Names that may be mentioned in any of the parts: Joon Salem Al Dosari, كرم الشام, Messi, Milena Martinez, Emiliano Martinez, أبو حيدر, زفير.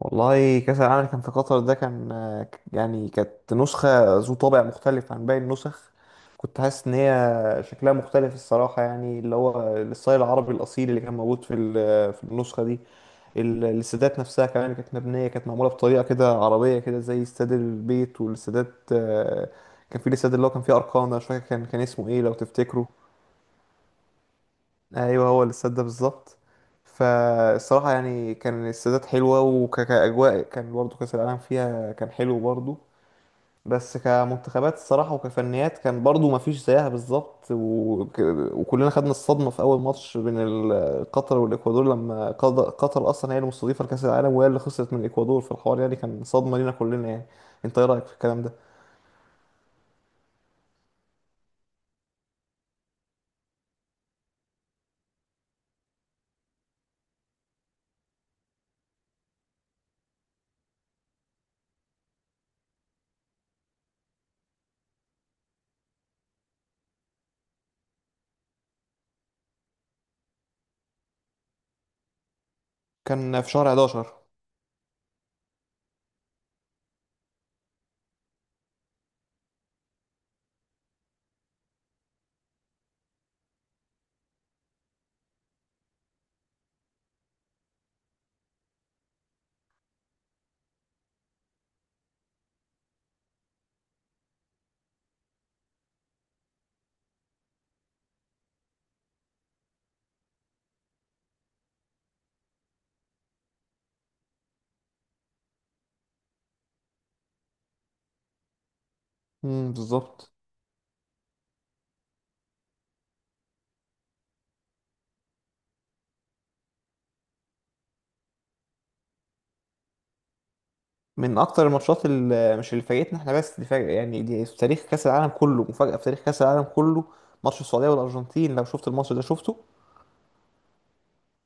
والله كأس العالم اللي كان في قطر ده كان يعني كانت نسخة ذو طابع مختلف عن باقي النسخ. كنت حاسس إن هي شكلها مختلف الصراحة، يعني اللي هو الستايل العربي الأصيل اللي كان موجود في النسخة دي. الاستادات نفسها كمان كانت مبنية، كانت معمولة بطريقة كده عربية كده زي استاد البيت والاستادات، كان في الاستاد اللي هو كان فيه أرقام ده، مش فاكر كان اسمه إيه لو تفتكره. ايوه، هو الاستاد ده بالظبط. فالصراحه يعني كان الاستادات حلوه، وكأجواء كان برضو كأس العالم فيها كان حلو برضو. بس كمنتخبات الصراحه وكفنيات كان برضو ما فيش زيها بالظبط، وكلنا خدنا الصدمه في اول ماتش بين قطر والاكوادور، لما قطر اصلا هي المستضيفه لكأس العالم وهي اللي خسرت من الاكوادور في الحوار، يعني كان صدمه لينا كلنا يعني. انت ايه رايك في الكلام ده؟ كان في شهر 11. امم، بالظبط. من اكتر الماتشات اللي مش اللي فاجئتنا احنا بس دي، فاجئة يعني دي في تاريخ كاس العالم كله، مفاجاه في تاريخ كاس العالم كله. ماتش السعوديه والارجنتين، لو شفت الماتش ده شفته.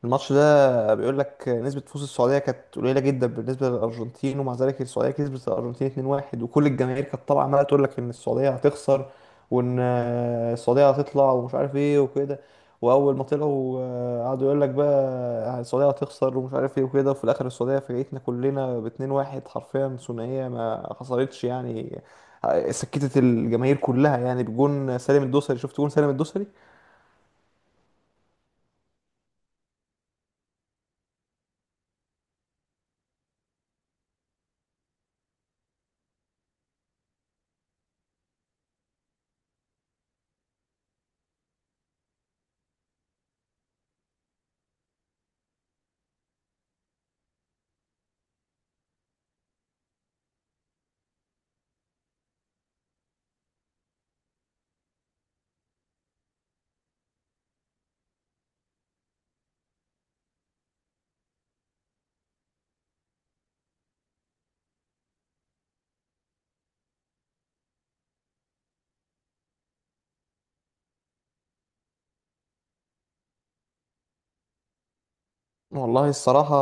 الماتش ده بيقول لك نسبة فوز السعودية كانت قليلة جدا بالنسبة للأرجنتين، ومع ذلك السعودية كسبت الأرجنتين 2-1. وكل الجماهير كانت طالعة عمالة تقول لك إن السعودية هتخسر، وإن السعودية هتطلع ومش عارف إيه وكده. وأول ما طلعوا، قعدوا يقول لك بقى السعودية هتخسر ومش عارف إيه وكده، وفي الآخر السعودية فاجئتنا كلنا ب 2-1 حرفيا، ثنائية ما خسرتش يعني. سكتت الجماهير كلها يعني بجون سالم الدوسري. شفت جون سالم الدوسري؟ والله الصراحة،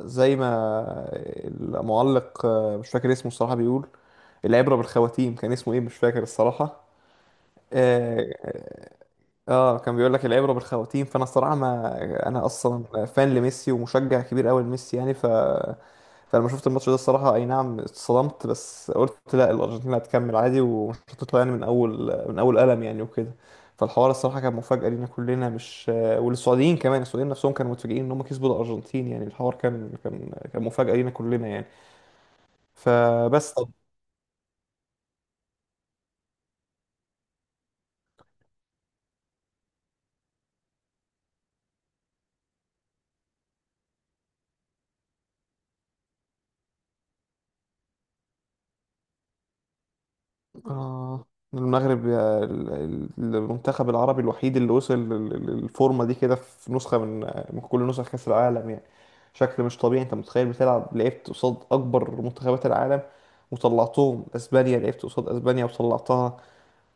زي ما المعلق، مش فاكر اسمه الصراحة، بيقول العبرة بالخواتيم. كان اسمه ايه؟ مش فاكر الصراحة. آه كان بيقول لك العبرة بالخواتيم، فأنا الصراحة ما، أنا أصلا فان لميسي ومشجع كبير أوي لميسي يعني. فلما شفت الماتش ده الصراحة، أي نعم اتصدمت، بس قلت لا، الأرجنتين هتكمل عادي ومش هتطلع يعني، من أول قلم يعني وكده. فالحوار الصراحة كان مفاجأة لينا كلنا، مش، والسعوديين كمان السعوديين نفسهم كانوا متفاجئين إن هم كسبوا الأرجنتين، يعني الحوار كان مفاجأة لينا كلنا يعني فبس. آه المغرب، المنتخب العربي الوحيد اللي وصل للفورمة دي كده في نسخة من كل نسخ كأس العالم يعني. شكل مش طبيعي، انت متخيل، بتلعب لعبت قصاد أكبر منتخبات العالم وطلعتهم. اسبانيا، لعبت قصاد اسبانيا وطلعتها،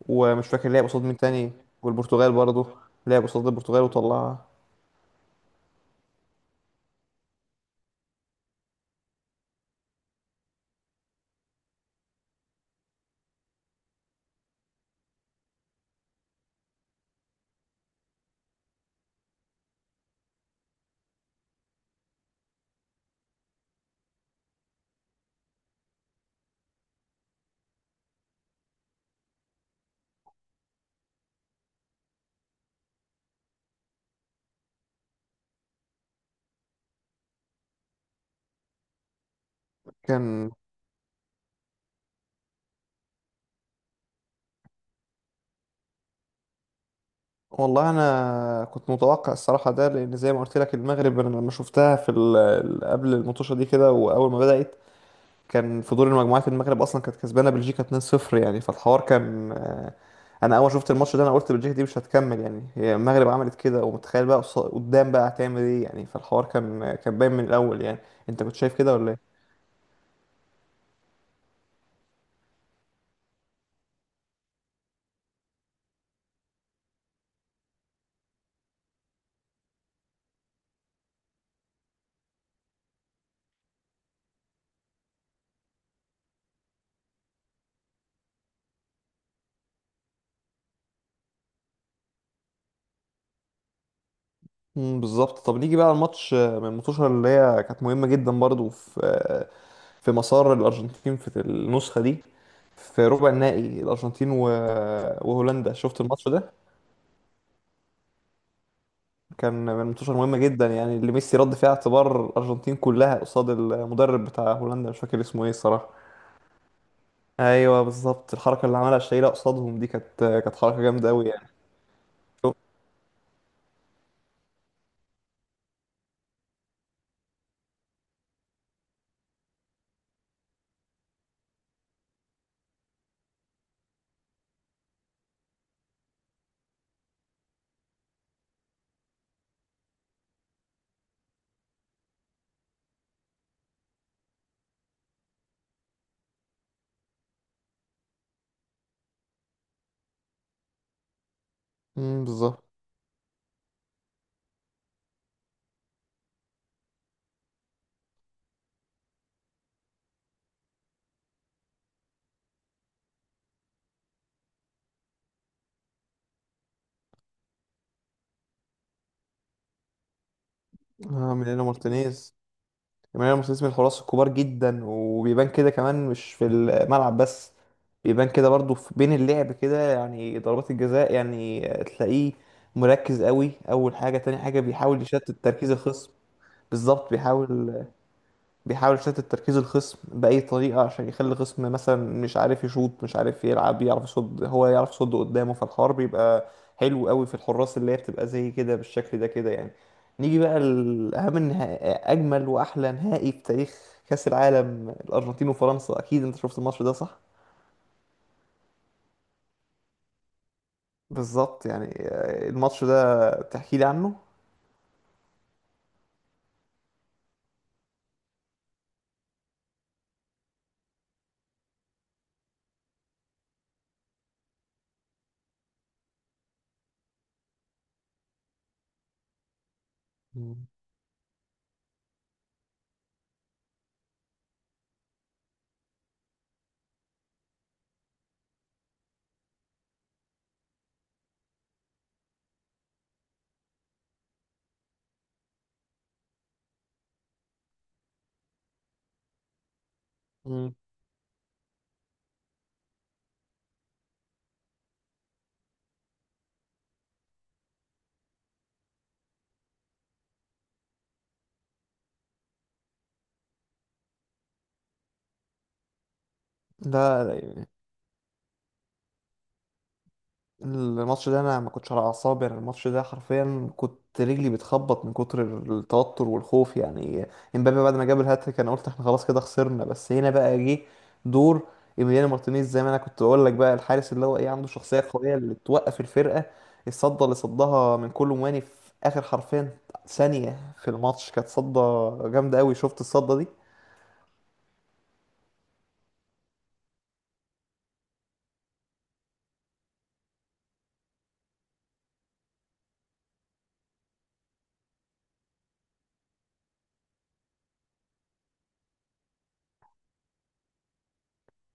ومش فاكر لعب قصاد مين تاني. والبرتغال برضه، لعب قصاد البرتغال وطلعها. كان والله انا كنت متوقع الصراحه ده، لان زي ما قلت لك المغرب، انا لما شفتها في قبل المطوشه دي كده واول ما بدات، كان في دور المجموعات المغرب اصلا كانت كسبانه بلجيكا 2-0 يعني، فالحوار كان. انا اول ما شفت الماتش ده انا قلت بلجيكا دي مش هتكمل يعني، هي المغرب عملت كده، ومتخيل بقى قدام بقى هتعمل ايه يعني، فالحوار كان باين من الاول يعني. انت كنت شايف كده ولا ايه؟ مم، بالظبط. طب نيجي بقى الماتش من الماتشات اللي هي كانت مهمه جدا برضو في مسار الارجنتين في النسخه دي، في ربع النهائي الارجنتين وهولندا. شفت الماتش ده؟ كان من الماتشات المهمة جدا يعني، اللي ميسي رد فيها اعتبار الأرجنتين كلها قصاد المدرب بتاع هولندا، مش فاكر اسمه ايه الصراحة. ايوه بالظبط، الحركة اللي عملها شايلة قصادهم دي كانت حركة جامدة قوي يعني. شوف. امم، بالظبط. آه، ميلينا مارتينيز. ميلينا مارتينيز من الحراس الكبار جدا، وبيبان كده كمان مش في الملعب بس، بيبان كده برضو في بين اللعب كده يعني. ضربات الجزاء يعني تلاقيه مركز قوي اول حاجة، تاني حاجة بيحاول يشتت تركيز الخصم. بالظبط، بيحاول يشتت تركيز الخصم بأي طريقة، عشان يخلي الخصم مثلا مش عارف يشوط، مش عارف يلعب، يعرف يصد، هو يعرف يصد قدامه، فالحوار بيبقى حلو قوي في الحراس اللي هي بتبقى زي كده بالشكل ده كده يعني. نيجي بقى لأهم أجمل وأحلى نهائي في تاريخ كأس العالم، الأرجنتين وفرنسا. أكيد أنت شفت الماتش ده صح؟ بالظبط، يعني الماتش ده تحكي لي عنه؟ مم. مم. لا، الماتش ده انا ما كنتش على اعصابي، انا الماتش ده حرفيا كنت رجلي بتخبط من كتر التوتر والخوف يعني. امبابي بعد ما جاب الهاتريك انا قلت احنا خلاص كده خسرنا، بس هنا بقى جه دور ايميليانو مارتينيز زي ما انا كنت بقول لك، بقى الحارس اللي هو ايه، عنده شخصيه قويه اللي توقف الفرقه. الصده اللي صدها من كولو مواني في اخر حرفيا ثانيه في الماتش، كانت صده جامده قوي. شفت الصده دي؟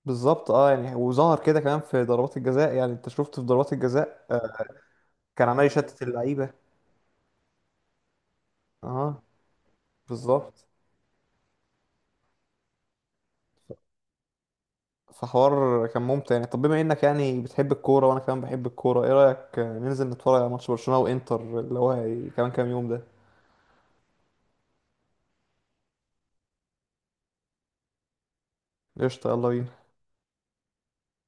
بالظبط اه، يعني وظهر كده كمان في ضربات الجزاء، يعني انت شفت في ضربات الجزاء، كان عمال يشتت اللعيبه. اه، بالظبط. فحوار كان ممتع يعني. طب بما انك يعني بتحب الكوره وانا كمان بحب الكوره، ايه رايك ننزل نتفرج على ماتش برشلونه وانتر اللي هو كمان كام يوم ده؟ قشطه، يلا بينا.